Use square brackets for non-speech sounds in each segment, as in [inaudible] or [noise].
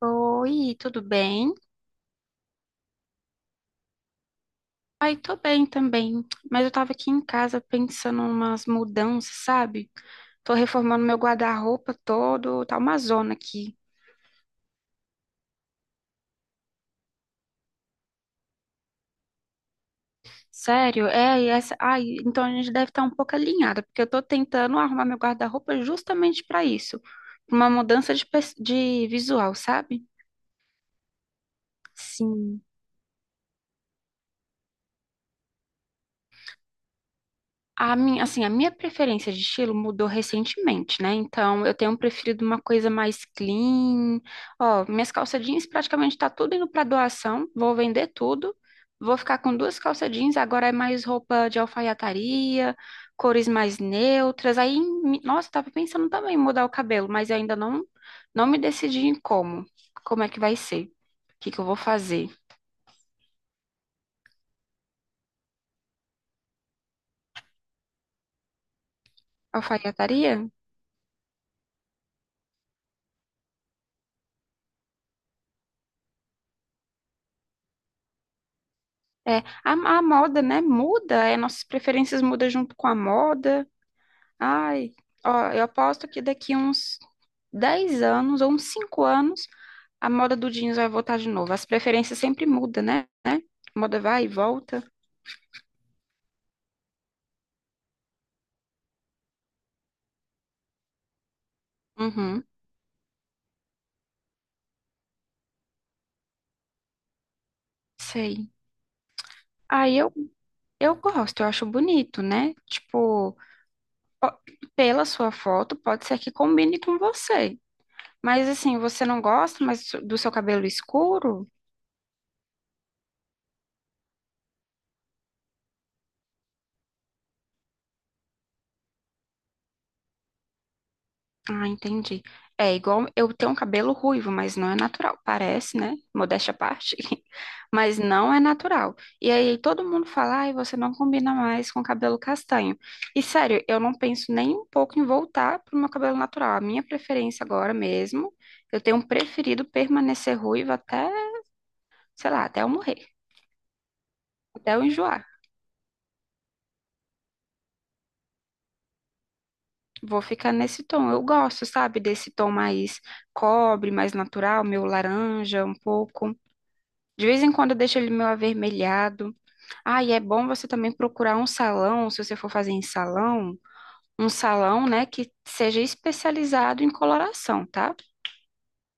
Oi, tudo bem? Ai, tô bem também, mas eu tava aqui em casa pensando umas mudanças, sabe? Tô reformando meu guarda-roupa todo, tá uma zona aqui. Sério? É, e essa, ai, então a gente deve estar um pouco alinhada, porque eu tô tentando arrumar meu guarda-roupa justamente pra isso, uma mudança de, de visual, sabe? Sim. A minha, assim, a minha preferência de estilo mudou recentemente, né? Então, eu tenho preferido uma coisa mais clean. Ó, minhas calça jeans praticamente tá tudo indo para doação. Vou vender tudo. Vou ficar com duas calça jeans, agora é mais roupa de alfaiataria, cores mais neutras. Aí, nossa, eu tava pensando também em mudar o cabelo, mas eu ainda não me decidi em como. Como é que vai ser? O que eu vou fazer? Alfaiataria? É, a, a moda, né, muda, é, nossas preferências mudam junto com a moda. Ai, ó, eu aposto que daqui uns 10 anos ou uns 5 anos a moda do jeans vai voltar de novo. As preferências sempre mudam, né? A moda vai e volta. Uhum, sei. Aí eu gosto, eu acho bonito, né? Tipo, ó, pela sua foto, pode ser que combine com você. Mas assim, você não gosta mais do seu cabelo escuro? Ah, entendi. É igual eu tenho um cabelo ruivo, mas não é natural. Parece, né? Modéstia à parte, [laughs] mas não é natural. E aí todo mundo fala, ai, você não combina mais com cabelo castanho. E sério, eu não penso nem um pouco em voltar pro meu cabelo natural. A minha preferência agora mesmo, eu tenho preferido permanecer ruivo até, sei lá, até eu morrer, até eu enjoar. Vou ficar nesse tom. Eu gosto, sabe, desse tom mais cobre, mais natural, meu laranja um pouco. De vez em quando eu deixo ele meio avermelhado. Ah, e é bom você também procurar um salão, se você for fazer em salão, um salão, né, que seja especializado em coloração, tá?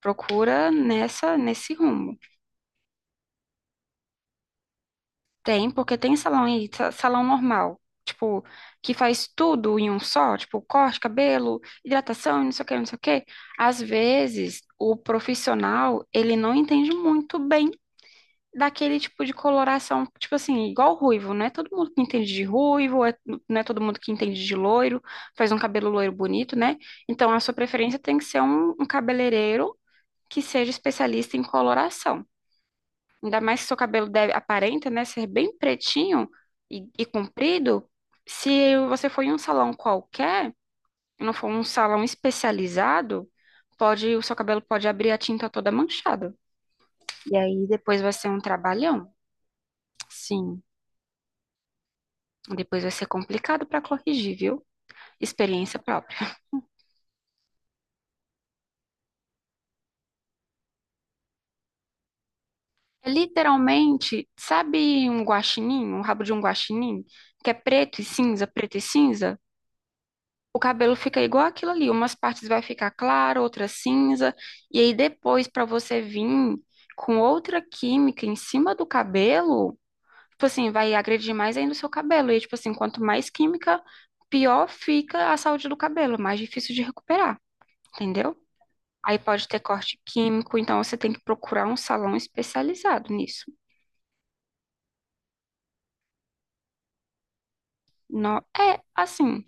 Procura nessa, nesse rumo. Tem, porque tem salão aí, salão normal, tipo, que faz tudo em um só, tipo, corte, cabelo, hidratação, não sei o que, não sei o que. Às vezes, o profissional, ele não entende muito bem daquele tipo de coloração, tipo assim, igual ruivo, não é todo mundo que entende de ruivo, não é todo mundo que entende de loiro, faz um cabelo loiro bonito, né? Então a sua preferência tem que ser um cabeleireiro que seja especialista em coloração. Ainda mais que seu cabelo deve, aparenta, né, ser bem pretinho e comprido. Se você for em um salão qualquer, e não for um salão especializado, pode, o seu cabelo pode abrir a tinta toda manchada. E aí depois vai ser um trabalhão. Sim. Depois vai ser complicado para corrigir, viu? Experiência própria. É literalmente, sabe um guaxinim, um rabo de um guaxinim, que é preto e cinza, preto e cinza? O cabelo fica igual aquilo ali, umas partes vai ficar claro, outras cinza, e aí depois para você vir com outra química em cima do cabelo, tipo assim, vai agredir mais ainda o seu cabelo. E tipo assim, quanto mais química, pior fica a saúde do cabelo, mais difícil de recuperar, entendeu? Aí pode ter corte químico, então você tem que procurar um salão especializado nisso. Não, é assim,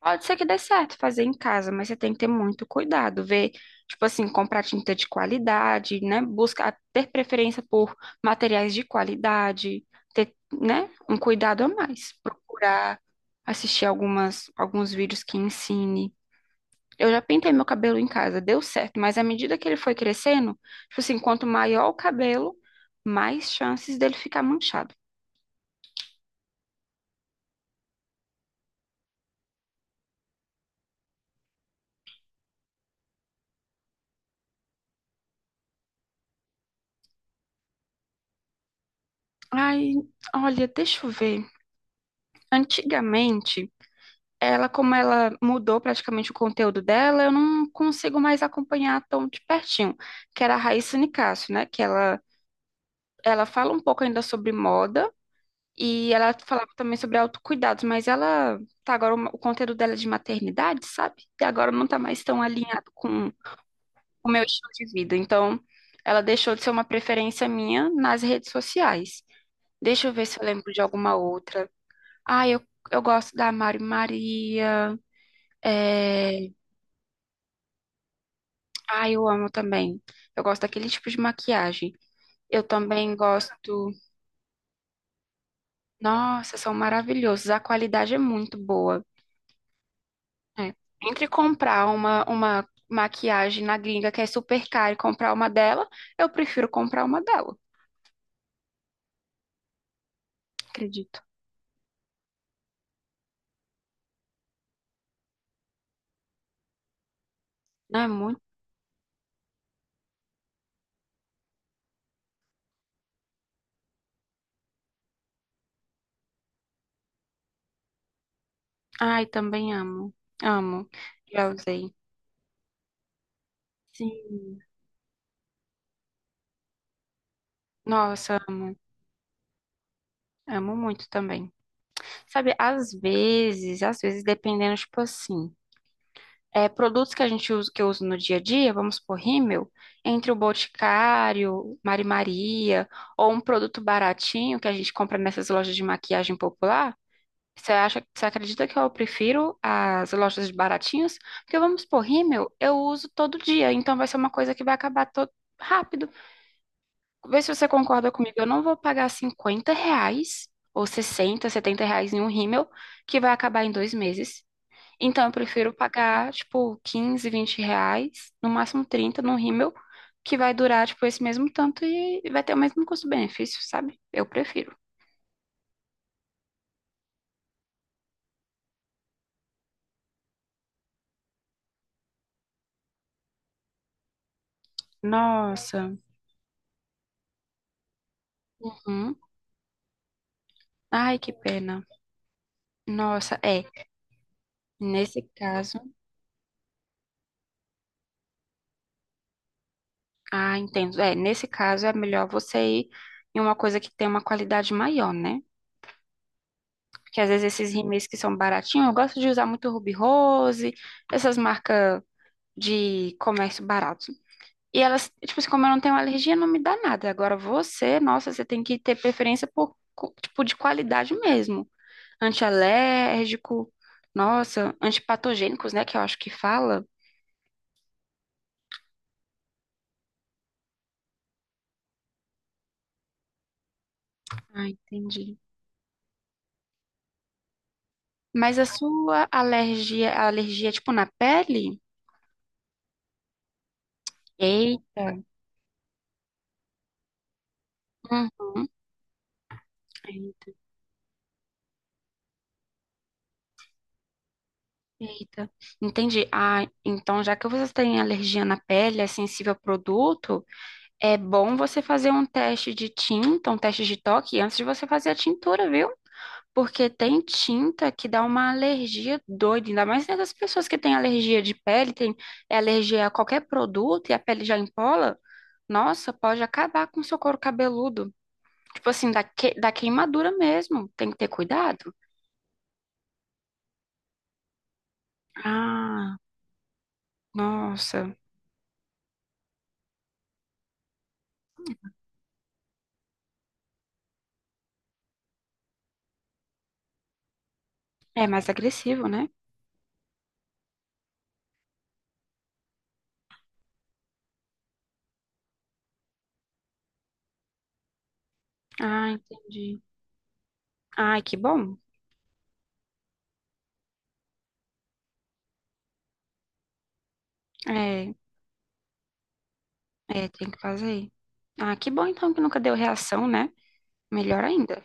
pode ser que dê certo fazer em casa, mas você tem que ter muito cuidado, ver, tipo assim, comprar tinta de qualidade, né? Buscar ter preferência por materiais de qualidade, ter, né, um cuidado a mais. Procurar assistir algumas alguns vídeos que ensine. Eu já pintei meu cabelo em casa, deu certo, mas à medida que ele foi crescendo, tipo assim, quanto maior o cabelo, mais chances dele ficar manchado. Ai, olha, deixa eu ver. Antigamente, ela, como ela mudou praticamente o conteúdo dela, eu não consigo mais acompanhar tão de pertinho, que era a Raíssa Nicásio, né? Que ela fala um pouco ainda sobre moda e ela falava também sobre autocuidados, mas ela tá agora o conteúdo dela é de maternidade, sabe? E agora não tá mais tão alinhado com o meu estilo de vida. Então, ela deixou de ser uma preferência minha nas redes sociais. Deixa eu ver se eu lembro de alguma outra. Ah, eu gosto da Mari Maria. É... Ah, eu amo também. Eu gosto daquele tipo de maquiagem. Eu também gosto. Nossa, são maravilhosos. A qualidade é muito boa. É. Entre comprar uma maquiagem na gringa que é super cara e comprar uma dela, eu prefiro comprar uma dela. Acredito. Não é. Ai, também amo. Amo. Já usei. Sim. Nossa, amo muito também. Sabe, às vezes, dependendo, tipo assim, é, produtos que a gente usa, que eu uso no dia a dia, vamos supor, rímel, entre o Boticário, Mari Maria, ou um produto baratinho que a gente compra nessas lojas de maquiagem popular, você acha, você acredita que eu prefiro as lojas de baratinhos? Porque vamos supor, rímel, eu uso todo dia, então vai ser uma coisa que vai acabar todo rápido. Vê se você concorda comigo. Eu não vou pagar R$ 50 ou 60, R$ 70 em um rímel que vai acabar em 2 meses. Então, eu prefiro pagar, tipo, 15, R$ 20, no máximo 30 num rímel que vai durar, tipo, esse mesmo tanto e vai ter o mesmo custo-benefício, sabe? Eu prefiro. Nossa. Uhum. Ai, que pena. Nossa, é. Nesse caso, ah, entendo. É, nesse caso é melhor você ir em uma coisa que tem uma qualidade maior, né? Porque às vezes esses rímels que são baratinhos, eu gosto de usar muito Ruby Rose, essas marcas de comércio barato. E elas, tipo assim, como eu não tenho alergia, não me dá nada. Agora você, nossa, você tem que ter preferência por, tipo, de qualidade mesmo. Antialérgico, nossa, antipatogênicos, né, que eu acho que fala. Ah, entendi. Mas a sua alergia, a alergia, é, tipo, na pele? Eita. Uhum. Eita, entendi. Ah, então já que você tem alergia na pele, é sensível a produto, é bom você fazer um teste de tinta, um teste de toque antes de você fazer a tintura, viu? Porque tem tinta que dá uma alergia doida, ainda mais nessas pessoas que têm alergia de pele, tem é alergia a qualquer produto e a pele já empola, nossa, pode acabar com o seu couro cabeludo. Tipo assim, da, que, da queimadura mesmo, tem que ter cuidado. Ah, nossa, é mais agressivo, né? Ah, entendi. Ai, que bom. É, é, tem que fazer. Ah, que bom então que nunca deu reação, né? Melhor ainda.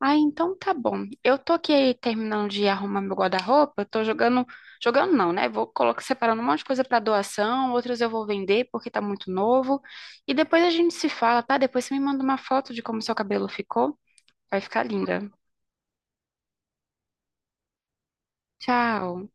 Ah, então tá bom. Eu tô aqui terminando de arrumar meu guarda-roupa, eu tô jogando, jogando não, né? Vou colocar separando um monte de coisa pra doação, outras eu vou vender porque tá muito novo. E depois a gente se fala, tá? Depois você me manda uma foto de como seu cabelo ficou. Vai ficar linda. Tchau.